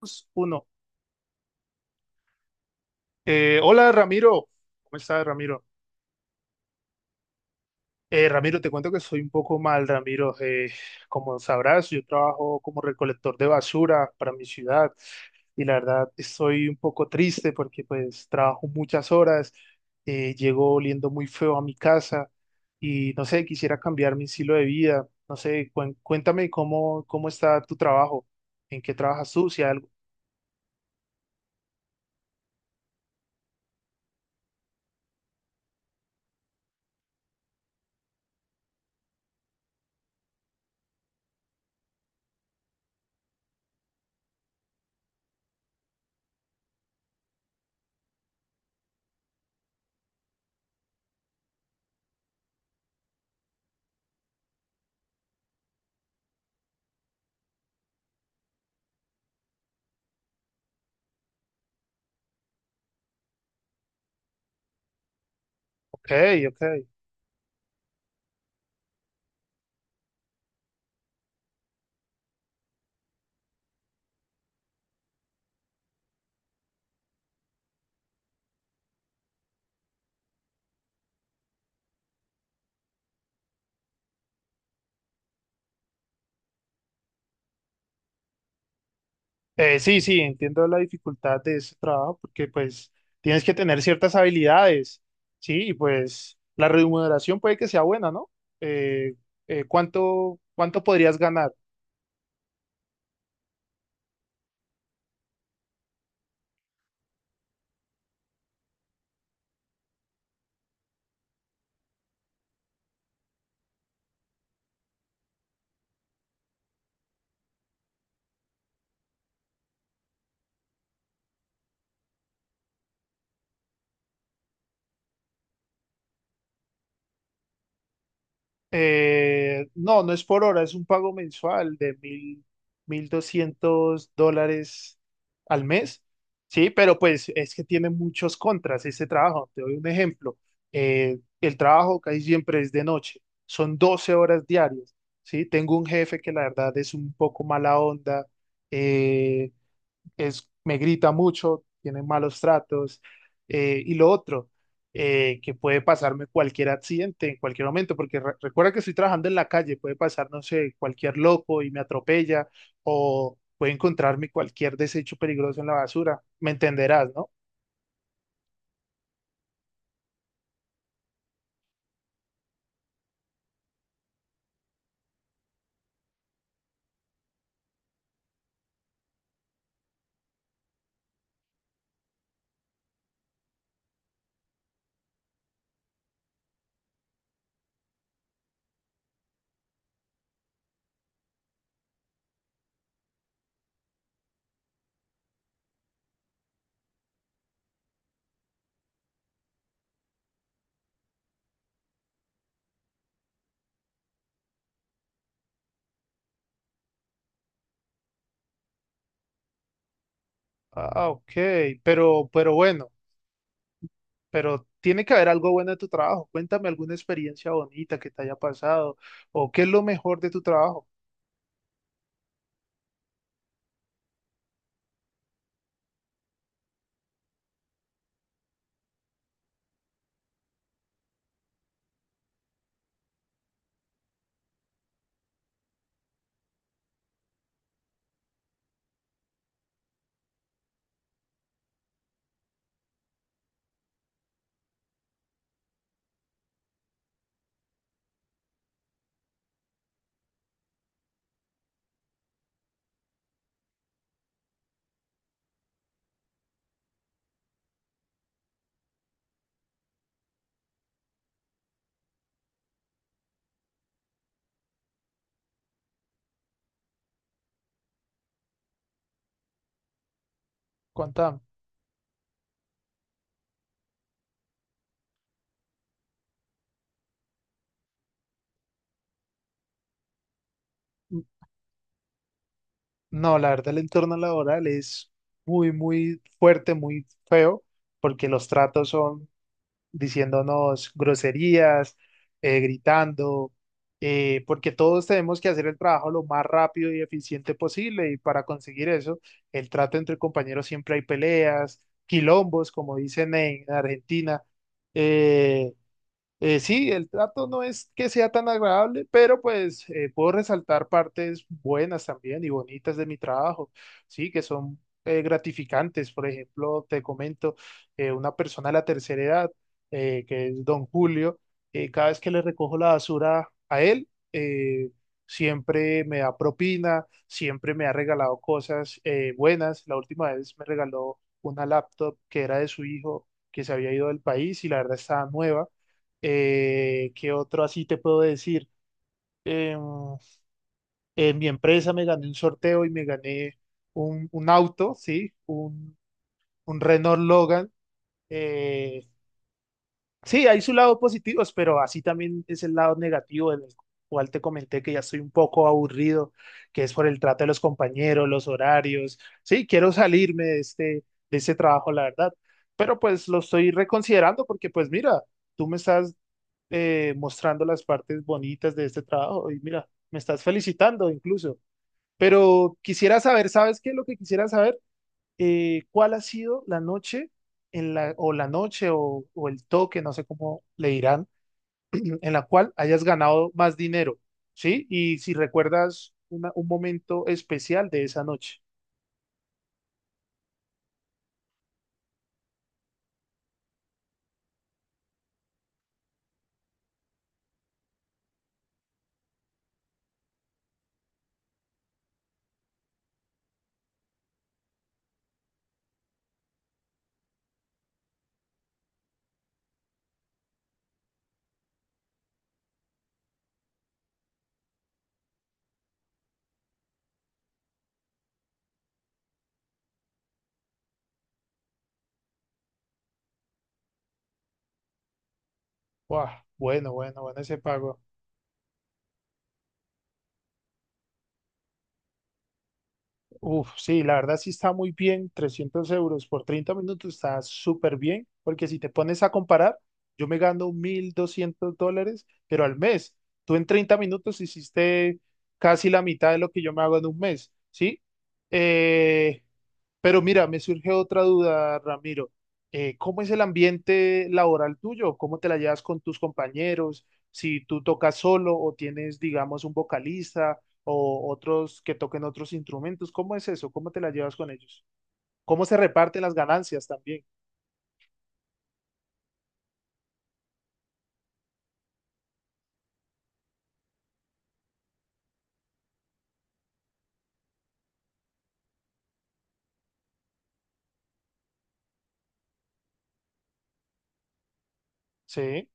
Dos, Uno. Hola, Ramiro, ¿cómo estás, Ramiro? Ramiro, te cuento que soy un poco mal, Ramiro. Como sabrás, yo trabajo como recolector de basura para mi ciudad y la verdad estoy un poco triste porque pues trabajo muchas horas, llego oliendo muy feo a mi casa y no sé, quisiera cambiar mi estilo de vida. No sé, cuéntame cómo está tu trabajo, en qué trabajas tú, si hay algo. Ok, ok. Sí, sí, entiendo la dificultad de ese trabajo porque pues tienes que tener ciertas habilidades, ¿sí? Y pues la remuneración puede que sea buena, ¿no? Eh, ¿cuánto podrías ganar? No, no es por hora, es un pago mensual de mil doscientos dólares al mes, sí, pero pues es que tiene muchos contras ese trabajo. Te doy un ejemplo. El trabajo casi siempre es de noche, son 12 horas diarias, sí. Tengo un jefe que la verdad es un poco mala onda, eh, me grita mucho, tiene malos tratos. Y lo otro, que puede pasarme cualquier accidente en cualquier momento, porque recuerda que estoy trabajando en la calle, puede pasar, no sé, cualquier loco y me atropella o puede encontrarme cualquier desecho peligroso en la basura. Me entenderás, ¿no? Ah, ok, pero bueno, pero tiene que haber algo bueno de tu trabajo. Cuéntame alguna experiencia bonita que te haya pasado o qué es lo mejor de tu trabajo. Cuéntame. No, la verdad, el entorno laboral es muy, muy fuerte, muy feo, porque los tratos son diciéndonos groserías, gritando, porque todos tenemos que hacer el trabajo lo más rápido y eficiente posible, y para conseguir eso, el trato entre compañeros siempre hay peleas, quilombos, como dicen en Argentina, eh, sí, el trato no es que sea tan agradable, pero pues puedo resaltar partes buenas también y bonitas de mi trabajo, sí, que son gratificantes. Por ejemplo, te comento, una persona de la tercera edad, que es don Julio, cada vez que le recojo la basura a él, siempre me da propina, siempre me ha regalado cosas buenas. La última vez me regaló una laptop que era de su hijo, que se había ido del país y la verdad estaba nueva. ¿Qué otro así te puedo decir? Em, en mi empresa me gané un sorteo y me gané un auto, ¿sí? Un Renault Logan. Eh, sí, hay su lado positivo, pero así también es el lado negativo del cual te comenté que ya estoy un poco aburrido, que es por el trato de los compañeros, los horarios. Sí, quiero salirme de este trabajo, la verdad. Pero pues lo estoy reconsiderando porque pues mira, tú me estás mostrando las partes bonitas de este trabajo y mira, me estás felicitando incluso. Pero quisiera saber, ¿sabes qué? Lo que quisiera saber, ¿cuál ha sido la noche en la, o la noche o el toque, no sé cómo le dirán, en la cual hayas ganado más dinero, ¿sí? Y si recuerdas un momento especial de esa noche. Guau, bueno, bueno, bueno, ese pago. Uf, sí, la verdad sí está muy bien, €300 por 30 minutos está súper bien, porque si te pones a comparar, yo me gano $1,200, pero al mes, tú en 30 minutos hiciste casi la mitad de lo que yo me hago en un mes, ¿sí? Eh, pero mira, me surge otra duda, Ramiro. ¿Cómo es el ambiente laboral tuyo? ¿Cómo te la llevas con tus compañeros? Si tú tocas solo o tienes, digamos, un vocalista o otros que toquen otros instrumentos, ¿cómo es eso? ¿Cómo te la llevas con ellos? ¿Cómo se reparten las ganancias también? Sí,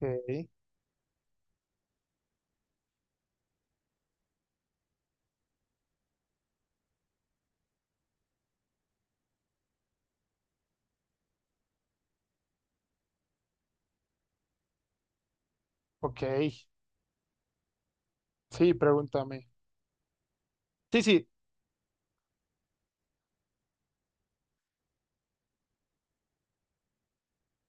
ok, ok. Sí, pregúntame. Sí, sí.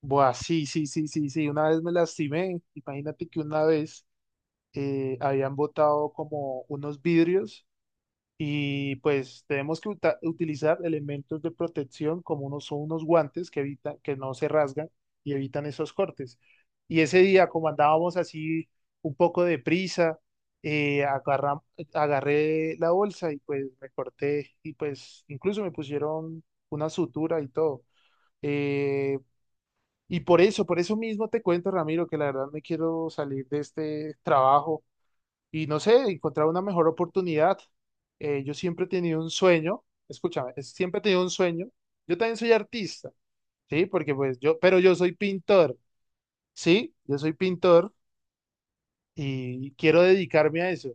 Buah, sí, sí, sí, sí, sí. Una vez me lastimé. Imagínate que una vez habían botado como unos vidrios y pues tenemos que utilizar elementos de protección como unos, son unos guantes que evitan, que no se rasgan y evitan esos cortes. Y ese día, como andábamos así un poco de prisa, eh, agarra- agarré la bolsa y pues me corté y pues incluso me pusieron una sutura y todo. Eh, y por eso mismo te cuento, Ramiro, que la verdad me quiero salir de este trabajo y no sé, encontrar una mejor oportunidad. Yo siempre he tenido un sueño, escúchame, siempre he tenido un sueño. Yo también soy artista, ¿sí? Porque pues yo, pero yo soy pintor, ¿sí? Yo soy pintor y quiero dedicarme a eso.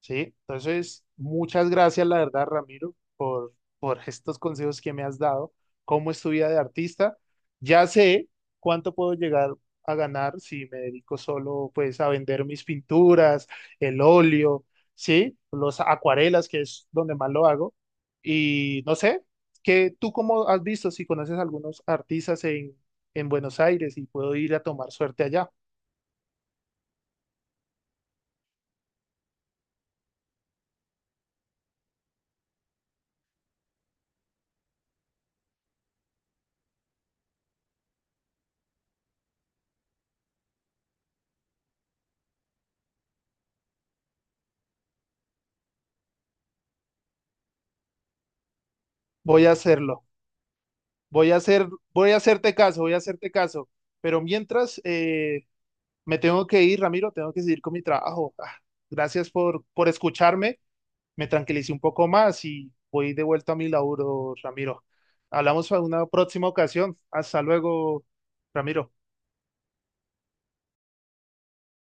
Sí, entonces muchas gracias, la verdad, Ramiro, por estos consejos que me has dado. ¿Cómo es tu vida de artista? Ya sé cuánto puedo llegar a ganar si me dedico solo pues a vender mis pinturas, el óleo, sí, los acuarelas, que es donde más lo hago. Y no sé, que tú cómo has visto si conoces algunos artistas en Buenos Aires y puedo ir a tomar suerte allá. Voy a hacerlo. Voy a hacer, voy a hacerte caso, voy a hacerte caso. Pero mientras me tengo que ir, Ramiro, tengo que seguir con mi trabajo. Ah, gracias por, escucharme. Me tranquilicé un poco más y voy de vuelta a mi laburo, Ramiro. Hablamos en una próxima ocasión. Hasta luego, Ramiro.